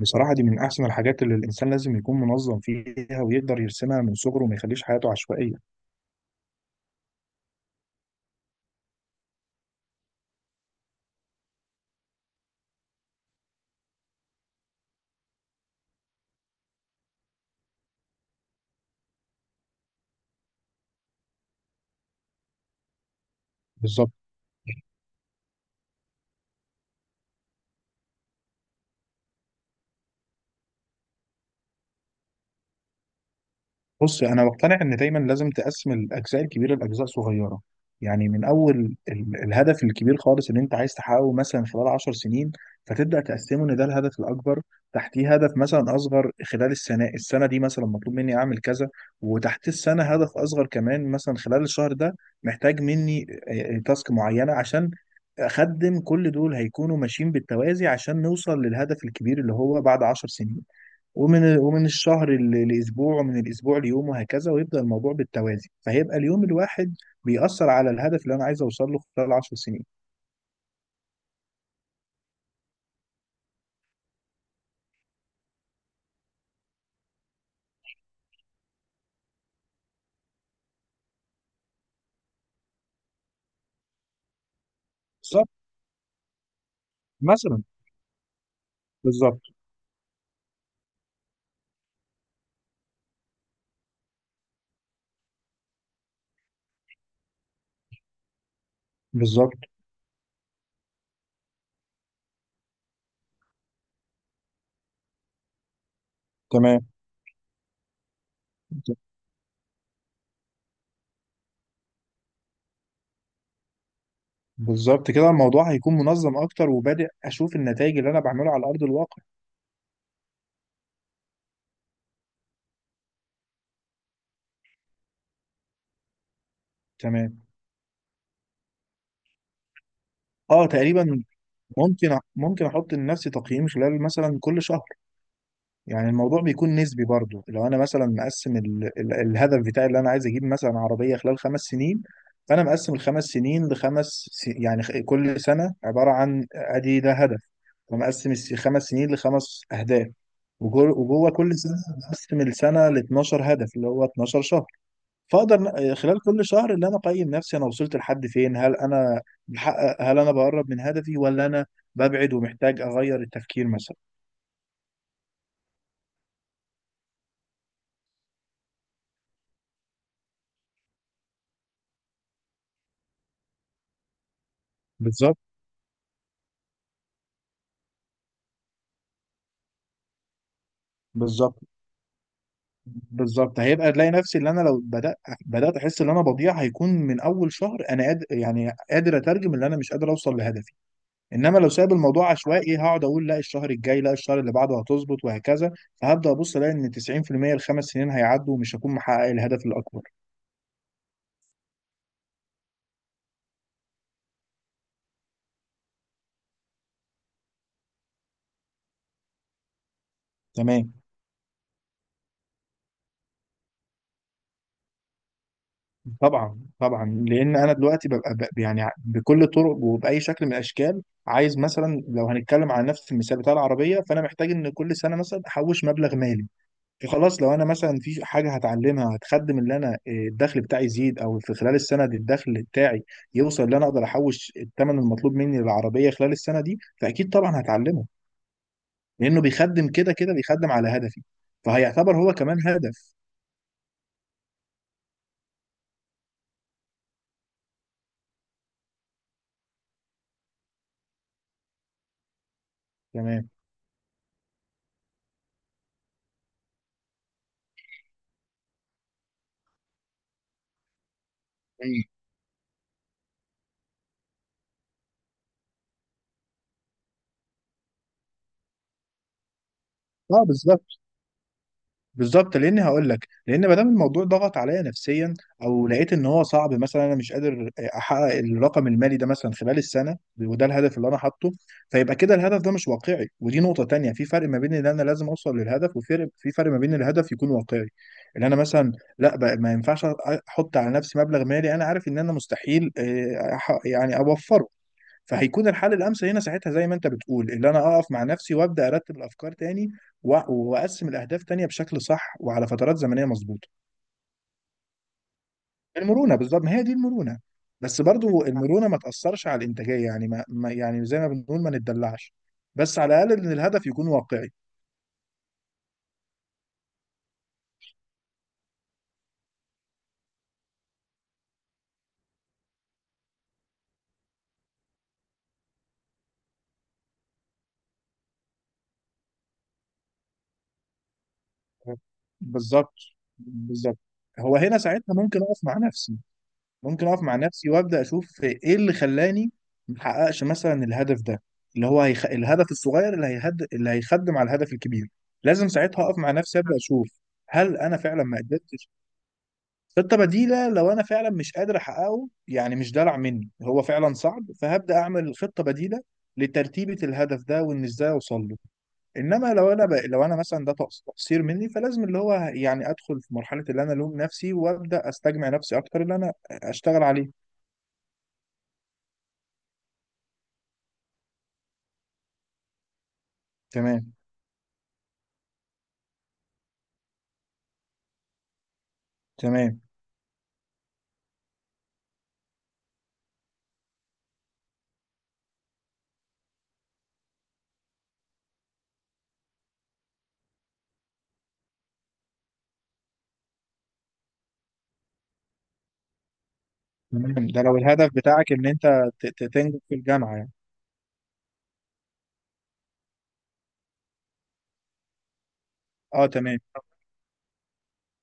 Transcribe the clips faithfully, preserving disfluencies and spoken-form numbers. بصراحة دي من أحسن الحاجات اللي الإنسان لازم يكون منظم فيها ويقدر يرسمها من صغره وما يخليش حياته عشوائية. بالظبط. بص انا مقتنع ان دايما لازم تقسم الاجزاء الكبيره لاجزاء صغيره. يعني من اول ال- الهدف الكبير خالص اللي انت عايز تحققه مثلا خلال 10 سنين، فتبدا تقسمه ان ده الهدف الاكبر. تحتيه هدف مثلا اصغر خلال السنه السنه دي، مثلا مطلوب مني اعمل كذا. وتحت السنه هدف اصغر كمان، مثلا خلال الشهر ده محتاج مني آه، آه، تاسك معينه، عشان اخدم كل دول هيكونوا ماشيين بالتوازي عشان نوصل للهدف الكبير اللي هو بعد 10 سنين. ومن ومن الشهر ل- لاسبوع، ومن الاسبوع ليوم وهكذا، ويبدا الموضوع بالتوازي، فهيبقى اليوم الواحد بيأثر على الهدف اللي انا عايز اوصل له خلال 10 سنين. بالظبط. مثلا. بالظبط. بالظبط. تمام. بالظبط، كده الموضوع هيكون منظم اكتر وبادئ اشوف النتائج اللي انا بعمله على ارض الواقع. تمام. اه، تقريبا. ممكن أ- ممكن احط لنفسي تقييم خلال مثلا كل شهر. يعني الموضوع بيكون نسبي برضه، لو انا مثلا مقسم ال... ال... الهدف بتاعي اللي انا عايز اجيب مثلا عربيه خلال خمس سنين. فانا مقسم الخمس سنين لخمس س... يعني خ- كل سنه عباره عن ادي ده هدف. فمقسم الس- الخمس سنين لخمس اهداف، وجو- وجوه كل سنه مقسم السنه ل 12 هدف اللي هو 12 شهر. فاقدر ن- خلال كل شهر اللي انا اقيم نفسي، انا وصلت لحد فين؟ هل انا بحقق؟ هل انا بقرب من هدفي ولا انا ببعد ومحتاج اغير التفكير مثلا؟ بالظبط. بالظبط. بالظبط، هيبقى تلاقي نفسي، اللي انا لو بدات بدات احس ان انا بضيع هيكون من اول شهر انا قادر، يعني قادر اترجم ان انا مش قادر اوصل لهدفي. انما لو سايب الموضوع عشوائي هقعد اقول لا الشهر الجاي، لا الشهر اللي بعده هتظبط، وهكذا. فهبدا ابص الاقي ان تسعين في المية الخمس سنين هيعدوا ومش هكون محقق الهدف الاكبر. تمام. طبعا طبعا، لان انا دلوقتي ببقى ب- يعني ع- بكل الطرق وباي شكل من الاشكال عايز، مثلا لو هنتكلم على نفس المثال بتاع العربيه، فانا محتاج ان كل سنه مثلا احوش مبلغ مالي. خلاص، لو انا مثلا في حاجه هتعلمها هتخدم اللي انا إيه، الدخل بتاعي يزيد، او في خلال السنه دي الدخل بتاعي يوصل اللي انا اقدر احوش الثمن المطلوب مني للعربيه خلال السنه دي، فاكيد طبعا هتعلمه لانه بيخدم، كده كده بيخدم على هدفي، فهيعتبر هو كمان هدف. تمام. مم. اه، بالظبط. بالظبط، لان هقول لك، لان ما دام الموضوع ضغط عليا نفسيا او لقيت ان هو صعب، مثلا انا مش قادر احقق الرقم المالي ده مثلا خلال السنه وده الهدف اللي انا حاطه، فيبقى كده الهدف ده مش واقعي. ودي نقطه تانية، في فرق ما بين ان انا لازم اوصل للهدف، وفرق في فرق ما بين الهدف يكون واقعي، ان انا مثلا، لا بقى، ما ينفعش احط على نفسي مبلغ مالي انا عارف ان انا مستحيل آه، أح- يعني اوفره. فهيكون الحل الامثل هنا ساعتها زي ما انت بتقول، اللي انا اقف مع نفسي وابدا ارتب الافكار تاني و- واقسم الاهداف تانية بشكل صح وعلى فترات زمنيه مظبوطه. المرونه بالظبط، ما هي دي المرونه. بس برضو المرونه ما تاثرش على الانتاجيه، يعني ما ما- يعني زي ما بنقول ما نتدلعش، بس على الاقل ان الهدف يكون واقعي. بالظبط. بالظبط. هو هنا ساعتها ممكن اقف مع نفسي ممكن اقف مع نفسي وابدا اشوف ايه اللي خلاني محققش مثلا الهدف ده، اللي هو هيخ... الهدف الصغير اللي هيهد... اللي هيخدم على الهدف الكبير. لازم ساعتها اقف مع نفسي ابدا اشوف هل انا فعلا ما قدرتش. خطه بديله، لو انا فعلا مش قادر احققه، يعني مش دلع مني، هو فعلا صعب، فهبدا اعمل خطه بديله لترتيبة الهدف ده وان ازاي اوصل له. انما لو انا ب... لو انا مثلا ده تقص- تقصير مني، فلازم اللي هو يعني ادخل في مرحلة اللي انا الوم نفسي وابدا استجمع نفسي اكتر اللي انا اشتغل عليه. تمام. تمام. تمام، ده لو الهدف بتاعك ان انت ت- ت- تنجح في الجامعه يعني. اه تمام،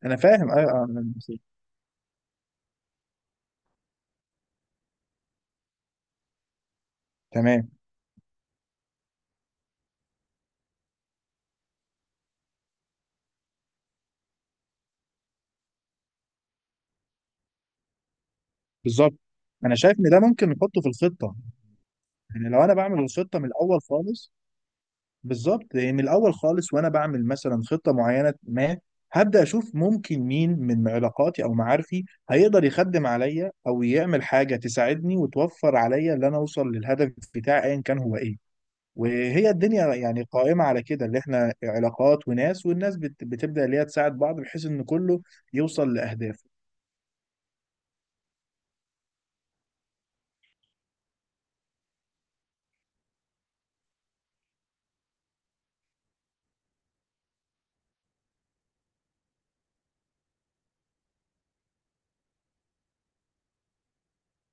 انا فاهم ايوه، آه، أنا نسيت. تمام بالظبط، انا شايف ان ده ممكن نحطه في الخطه، يعني لو انا بعمل الخطه من الاول خالص. بالظبط، لان الاول خالص وانا بعمل مثلا خطه معينه، ما هبدا اشوف ممكن مين من علاقاتي او معارفي هيقدر يخدم عليا او يعمل حاجه تساعدني وتوفر عليا ان انا اوصل للهدف بتاعي ايا كان هو ايه. وهي الدنيا يعني قائمة على كده، اللي احنا علاقات وناس، والناس بت- بتبدأ اللي هي تساعد بعض بحيث ان كله يوصل لأهدافه.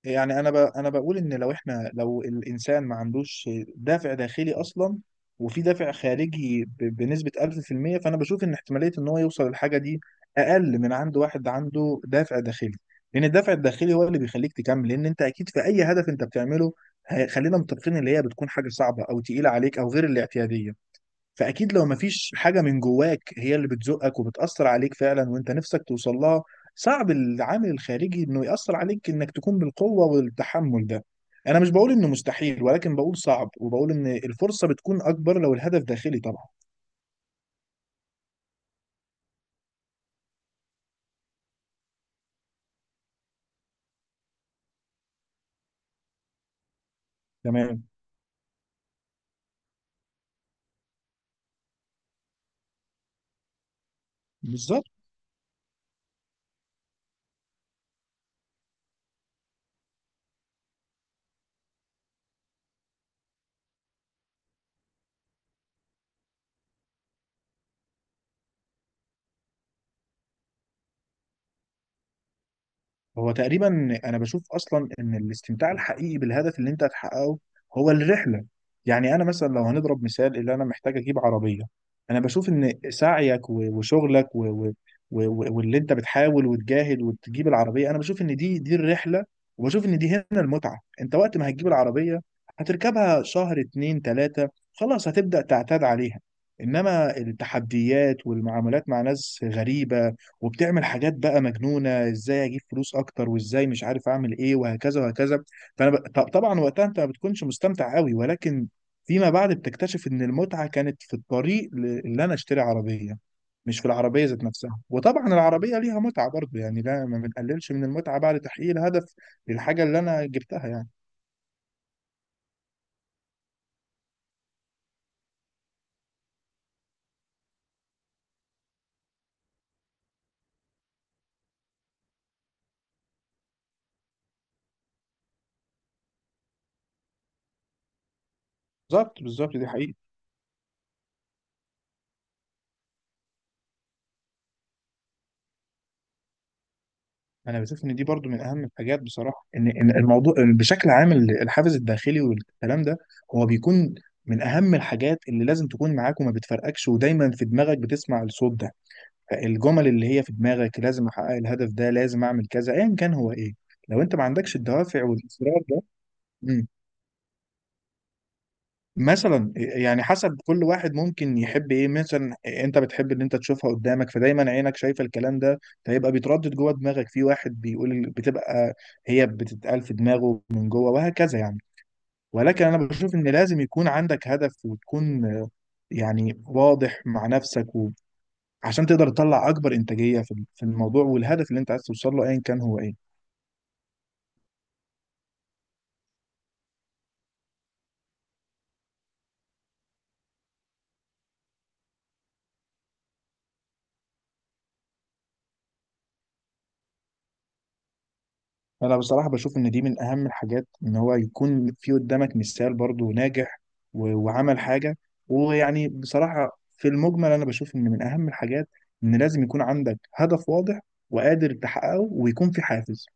يعني انا ب... انا بقول ان لو احنا، لو الانسان ما عندوش دافع داخلي اصلا، وفي دافع خارجي ب... بنسبة ألف في المية، فانا بشوف ان احتمالية ان هو يوصل للحاجة دي اقل من عند واحد عنده دافع داخلي. لان الدافع الداخلي هو اللي بيخليك تكمل، لان انت اكيد في اي هدف انت بتعمله، ه- خلينا متفقين اللي هي بتكون حاجة صعبة او تقيلة عليك او غير الاعتيادية. فاكيد لو مفيش حاجه من جواك هي اللي بتزقك وبتاثر عليك فعلا وانت نفسك توصل لها، صعب العامل الخارجي انه ياثر عليك انك تكون بالقوه والتحمل ده. انا مش بقول انه مستحيل، ولكن بقول صعب، وبقول ان الفرصه بتكون اكبر لو الهدف داخلي طبعا. تمام. بالظبط. هو تقريبا انا بشوف اصلا ان الاستمتاع الحقيقي بالهدف اللي انت هتحققه هو الرحله. يعني انا مثلا لو هنضرب مثال، اللي انا محتاج اجيب عربيه، انا بشوف ان سعيك و- وشغلك و- و- و- و- واللي انت بتحاول وتجاهد وتجيب العربيه، انا بشوف ان دي دي الرحله. وبشوف ان دي هنا المتعه، انت وقت ما هتجيب العربيه هتركبها شهر اتنين تلاته، خلاص هتبدا تعتاد عليها. انما التحديات والمعاملات مع ناس غريبه وبتعمل حاجات بقى مجنونه، ازاي اجيب فلوس اكتر وازاي مش عارف اعمل ايه وهكذا وهكذا. فانا ب... ط- طبعا وقتها انت ما بتكونش مستمتع قوي، ولكن فيما بعد بتكتشف ان المتعه كانت في الطريق ل- اللي انا اشتري عربيه، مش في العربيه ذات نفسها. وطبعا العربيه ليها متعه برضه يعني، لا ما بنقللش من المتعه بعد تحقيق الهدف للحاجه اللي انا جبتها يعني. بالظبط. بالظبط، دي حقيقة. انا بشوف ان دي برضو من اهم الحاجات بصراحه، ان ان الموضوع بشكل عام، ال- الحافز الداخلي والكلام ده هو بيكون من اهم الحاجات اللي لازم تكون معاك وما بتفرقكش، ودايما في دماغك بتسمع الصوت ده. الجمل اللي هي في دماغك لازم احقق الهدف ده، لازم اعمل كذا ايا كان هو ايه، لو انت ما عندكش الدوافع والاصرار ده. مم. مثلا يعني حسب كل واحد، ممكن يحب ايه، مثلا انت بتحب ان انت تشوفها قدامك فدايما عينك شايفه الكلام ده فيبقى بيتردد جوه دماغك، في واحد بيقول بتبقى هي بتتقال في دماغه من جوه وهكذا يعني. ولكن انا بشوف ان لازم يكون عندك هدف وتكون آه، يعني واضح مع نفسك و- عشان تقدر تطلع اكبر انتاجيه في في الموضوع والهدف اللي انت عايز توصل له ايا كان هو ايه. انا بصراحه بشوف ان دي من اهم الحاجات، ان هو يكون في قدامك مثال برضو ناجح و- وعمل حاجه، ويعني بصراحه في المجمل انا بشوف ان من اهم الحاجات ان لازم يكون عندك هدف واضح وقادر تحققه ويكون في حافز.